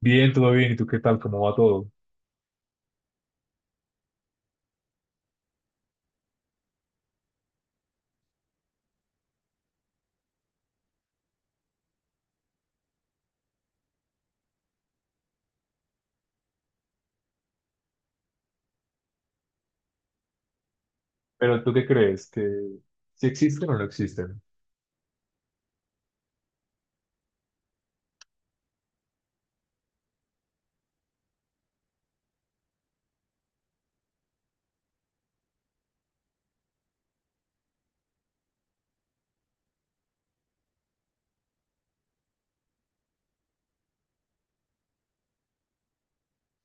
Bien, todo bien. ¿Y tú qué tal? ¿Cómo va todo? Pero ¿tú qué crees? ¿Que si existen o no existen?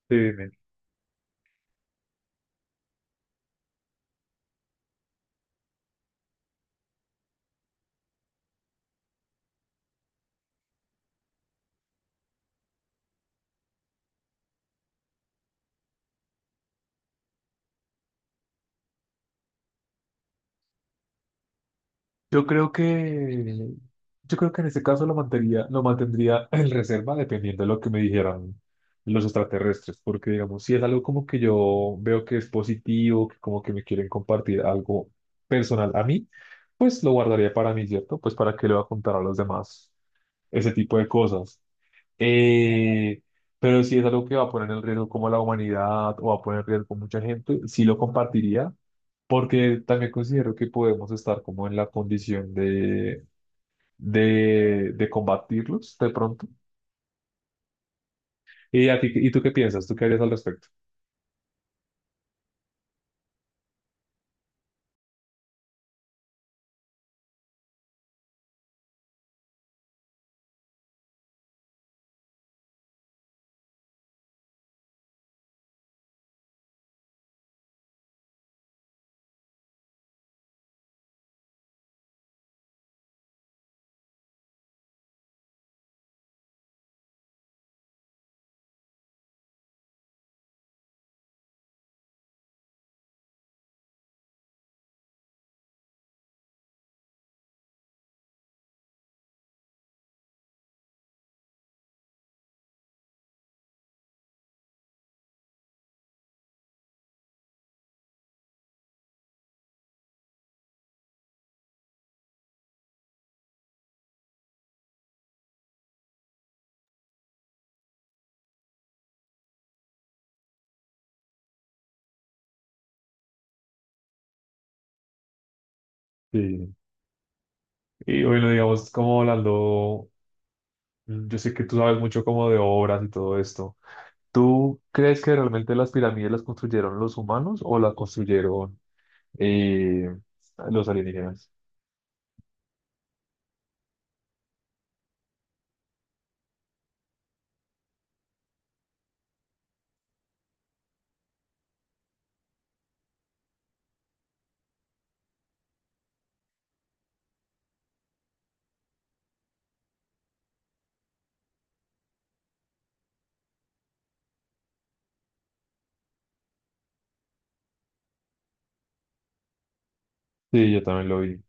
Sí, dime. Yo creo que yo creo que en este caso lo mantendría en reserva dependiendo de lo que me dijeran los extraterrestres, porque digamos, si es algo como que yo veo que es positivo, que como que me quieren compartir algo personal a mí, pues lo guardaría para mí, ¿cierto? Pues para qué le voy a contar a los demás ese tipo de cosas. Eh, pero si es algo que va a poner en riesgo como la humanidad o va a poner en riesgo mucha gente, sí lo compartiría, porque también considero que podemos estar como en la condición de, de combatirlos de pronto. ¿Y tú qué piensas? ¿Tú qué harías al respecto? Sí. Y bueno, digamos, como hablando, yo sé que tú sabes mucho como de obras y todo esto. ¿Tú crees que realmente las pirámides las construyeron los humanos o las construyeron eh, los alienígenas? Sí, yo también lo vi.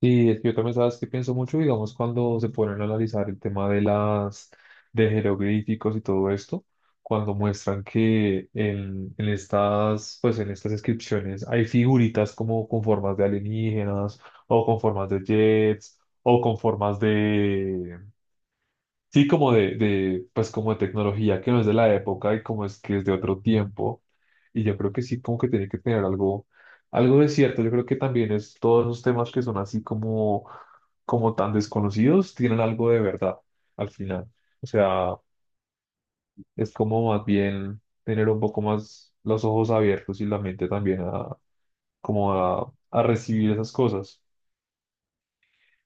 Y es que yo también sabes que pienso mucho, digamos, cuando se ponen a analizar el tema de las de jeroglíficos y todo esto, cuando muestran que en estas, pues en estas inscripciones hay figuritas como con formas de alienígenas, o con formas de jets, o con formas de, sí, como de, pues como de tecnología que no es de la época y como es que es de otro tiempo. Y yo creo que sí, como que tiene que tener algo, algo de cierto. Yo creo que también es todos los temas que son así como, como tan desconocidos, tienen algo de verdad al final. O sea, es como más bien tener un poco más los ojos abiertos y la mente también a, como a recibir esas cosas.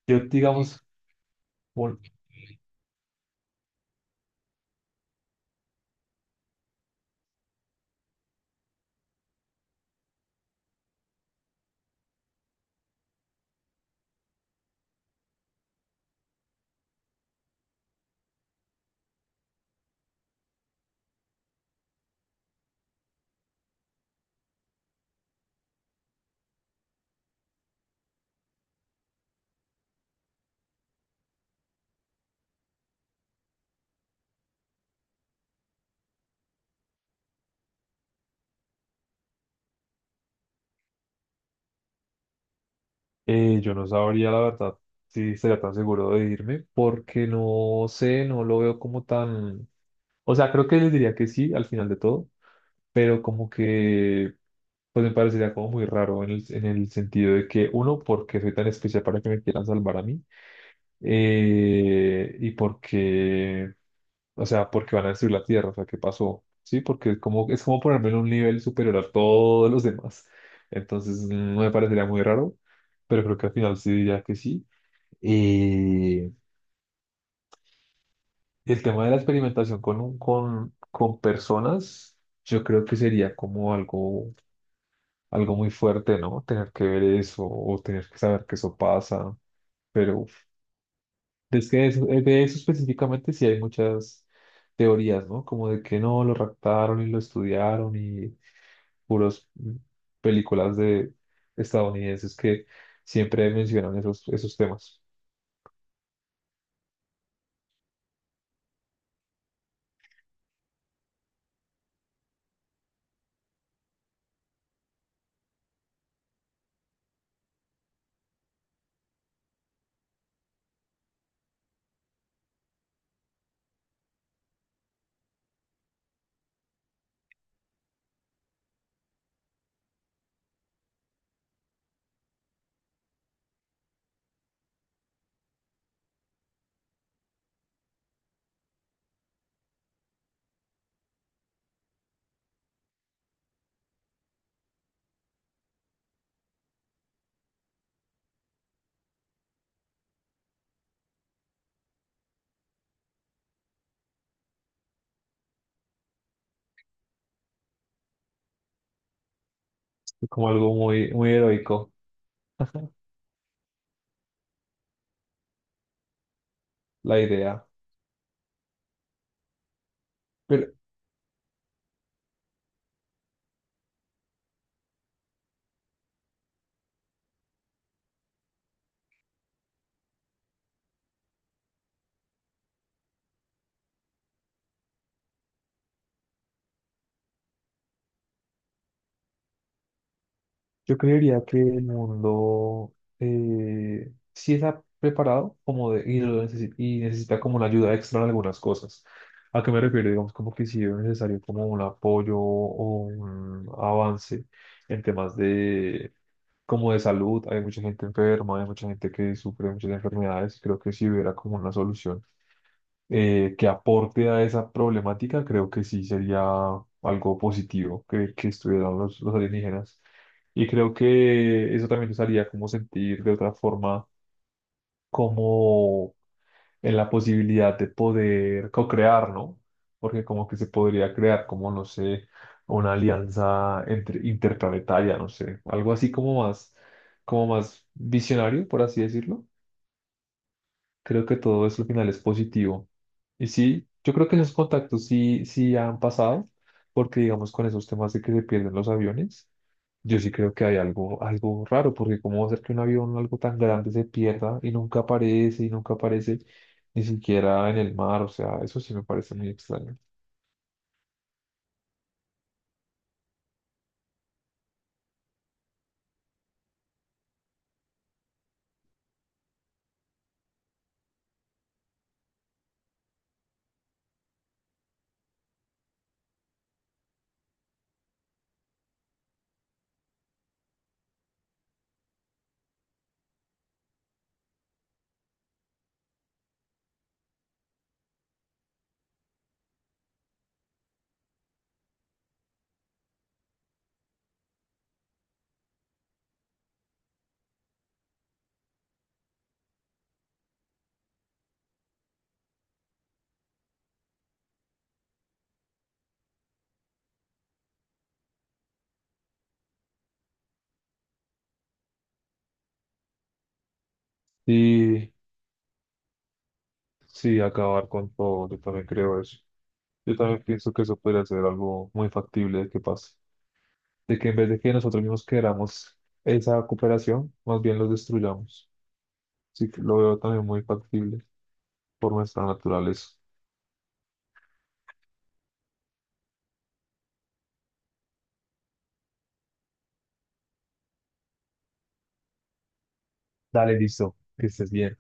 Yo, sí, digamos, un- yo no sabría, la verdad, si sería tan seguro de irme, porque no sé, no lo veo como tan... O sea, creo que les diría que sí al final de todo, pero como que, pues me parecería como muy raro en el sentido de que, uno, porque soy tan especial para que me quieran salvar a mí, y porque, o sea, porque van a destruir la Tierra, o sea, ¿qué pasó? Sí, porque es como ponerme en un nivel superior a todos los demás. Entonces, no me parecería muy raro, pero creo que al final sí diría que sí. Y el tema de la experimentación con personas, yo creo que sería como algo, algo muy fuerte, ¿no? Tener que ver eso o tener que saber que eso pasa. Pero uf, de eso específicamente sí hay muchas teorías, ¿no? Como de que no, lo raptaron y lo estudiaron y puros películas de estadounidenses que siempre mencionan esos temas. Como algo muy, muy heroico la idea. Pero yo creería que el mundo sí está preparado como de, y, y necesita como una ayuda extra en algunas cosas. ¿A qué me refiero? Digamos como que sí es necesario como un apoyo o un avance en temas de como de salud. Hay mucha gente enferma, hay mucha gente que sufre muchas enfermedades. Creo que si hubiera como una solución que aporte a esa problemática, creo que sí sería algo positivo que estuvieran los alienígenas. Y creo que eso también nos haría como sentir de otra forma, como en la posibilidad de poder co-crear, ¿no? Porque como que se podría crear, como no sé, una alianza interplanetaria, no sé, algo así como más visionario, por así decirlo. Creo que todo eso al final es positivo. Y sí, yo creo que esos contactos sí, sí han pasado, porque digamos con esos temas de que se pierden los aviones, yo sí creo que hay algo, algo raro, porque cómo va a ser que un avión, algo tan grande, se pierda y nunca aparece ni siquiera en el mar, o sea, eso sí me parece muy extraño. Y sí, acabar con todo, yo también creo eso. Yo también pienso que eso podría ser algo muy factible de que pase, de que en vez de que nosotros mismos queramos esa cooperación, más bien los destruyamos. Así que lo veo también muy factible por nuestra naturaleza. Dale, listo, que estés bien.